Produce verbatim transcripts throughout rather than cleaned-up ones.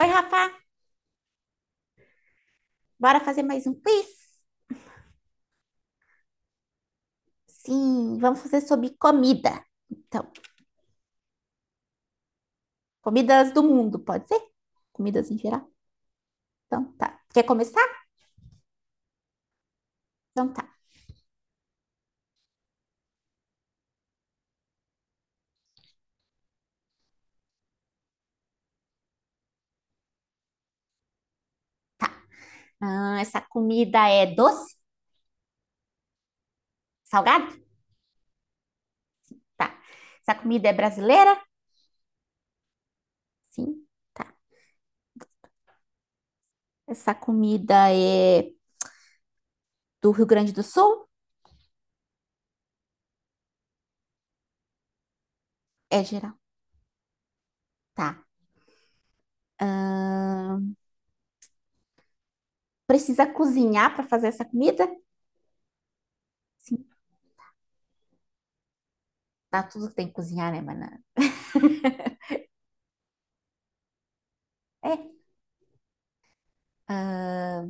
Oi, Rafa, bora fazer mais um quiz? Sim, vamos fazer sobre comida. Então, comidas do mundo, pode ser? Comidas em geral? Então, tá. Quer começar? Então, tá. Ah, essa comida é doce? Salgado? Tá. Essa comida é brasileira? Sim, tá. Essa comida é do Rio Grande do Sul? É geral. Tá. Ah, precisa cozinhar para fazer essa comida? Sim, tá. Tudo que tem que cozinhar, né, banana? É. Ah,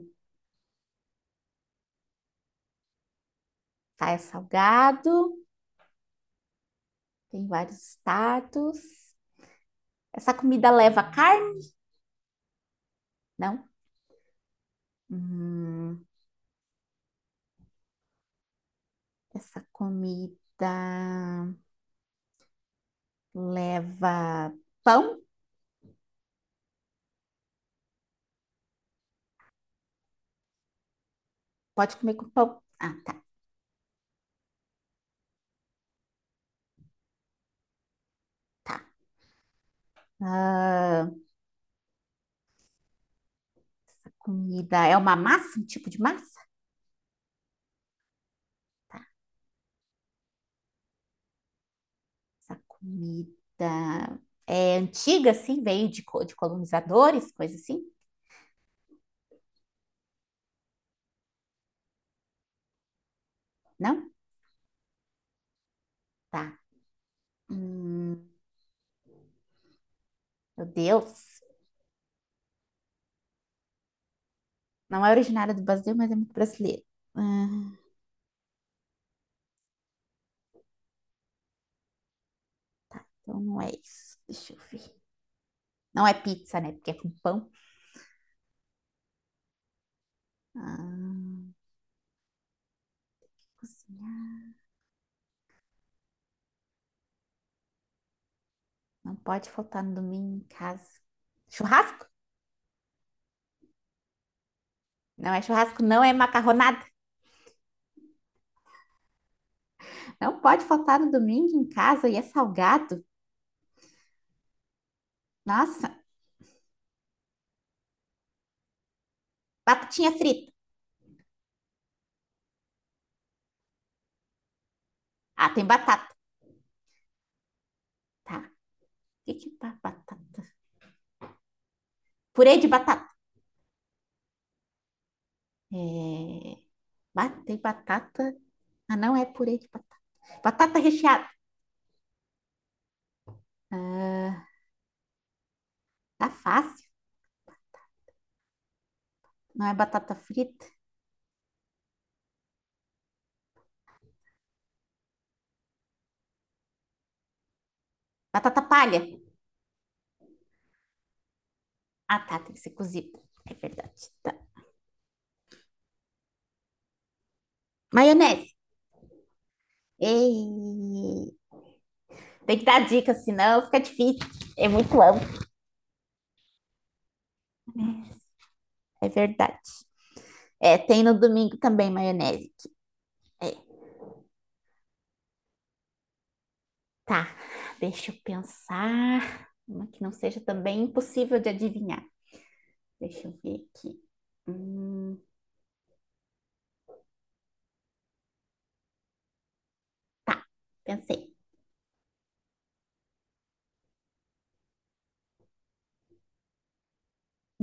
tá, é salgado. Tem vários status. Essa comida leva carne? Não. Hum, essa comida leva pão? Pode comer com pão. Ah, tá, tá. Ah, essa comida é uma massa, um tipo de massa? Essa comida é antiga, assim, veio de, co- de colonizadores, coisa assim? Não? Tá. Hum, meu Deus. Não é originária do Brasil, mas é muito brasileira. Ah, então não é isso. Deixa eu ver. Não é pizza, né? Porque é com pão. Ah, cozinhar. Não pode faltar no domingo em casa. Churrasco? Não é churrasco, não é macarronada. Não pode faltar no domingo em casa e é salgado. Nossa, batatinha frita. Ah, tem batata. Tá. O que que é batata? Purê de batata. É... Tem batata. Ah, não é purê de batata. Batata recheada. Ah, tá fácil. Não é batata frita. Batata palha. Ah, tá. Tem que ser cozida. É verdade. Tá. Maionese. Ei, tem que dar dica, senão fica difícil. É muito amplo. Né? É verdade. É, tem no domingo também maionese. É, tá, deixa eu pensar. Uma que não seja também impossível de adivinhar. Deixa eu ver aqui. Hum, pensei.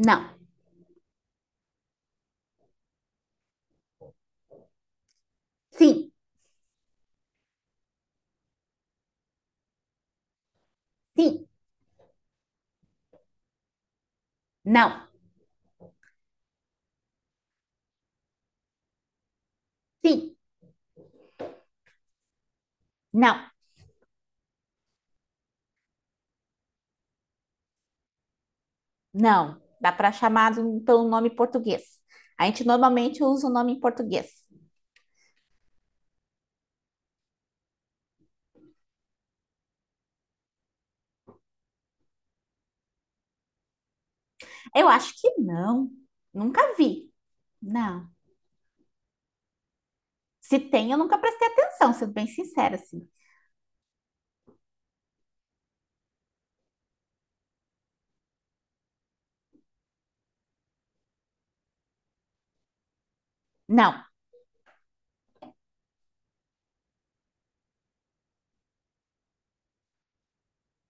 Não. Sim. Sim. Não. Sim. Não. Não. Dá para chamar do- pelo nome português. A gente normalmente usa o nome em português. Eu acho que não. Nunca vi. Não. Se tem, eu nunca prestei atenção, sendo bem sincera, assim. Não,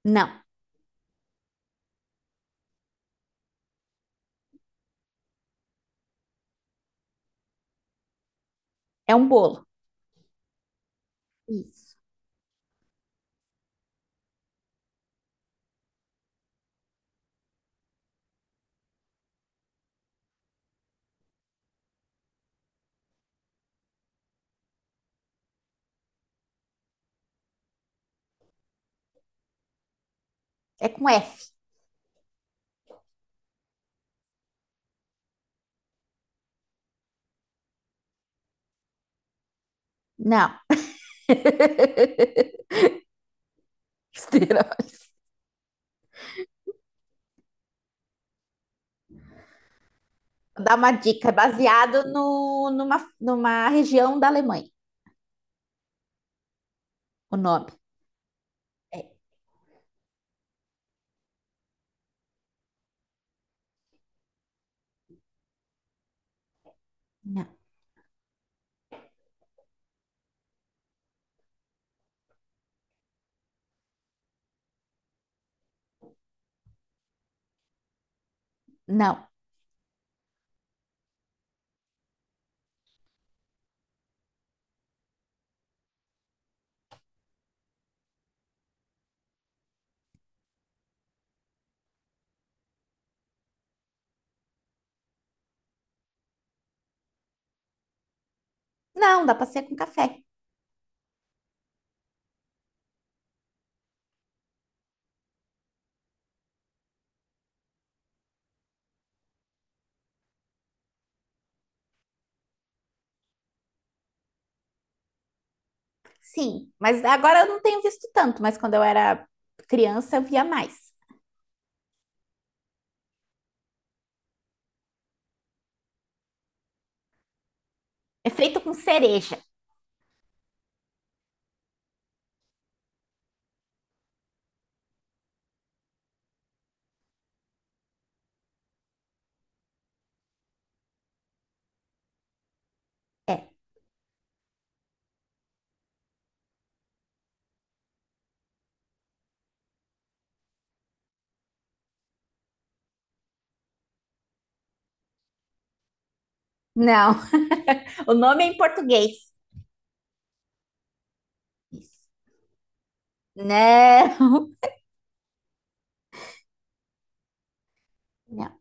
não. É um bolo. Isso. É com F. Não. Besteira. Vou dar uma dica. É baseado no, numa, numa região da Alemanha. O nome. É. Não. Não. Não, dá pra ser com café. Sim. Mas agora eu não tenho visto tanto, mas quando eu era criança eu via mais. É feito com cereja. É. Não. O nome é em português. Isso. Não. Não.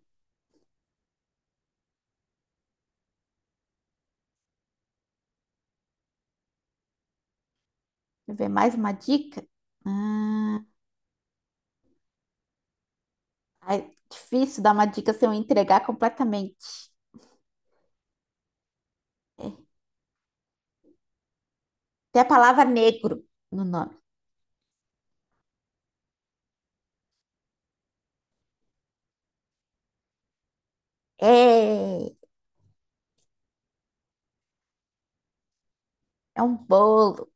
Deixa eu ver mais uma dica. Hum, ai, difícil dar uma dica sem eu entregar completamente. Tem a palavra negro no nome. É, é um bolo.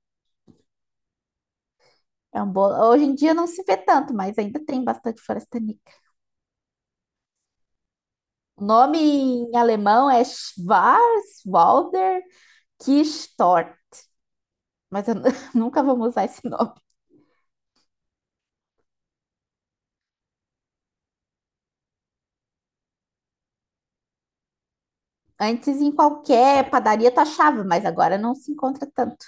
É um bolo. Hoje em dia não se vê tanto, mas ainda tem bastante floresta negra. O nome em alemão é Schwarzwälder Kirschtorte. Mas eu nunca vamos usar esse nome. Antes, em qualquer padaria, tu achava, mas agora não se encontra tanto.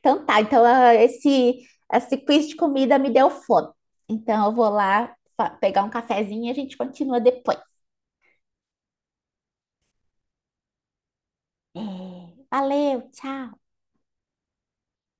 Então tá, então ah, esse, esse quiz de comida me deu fome. Então eu vou lá fa- pegar um cafezinho e a gente continua depois. É, valeu, tchau.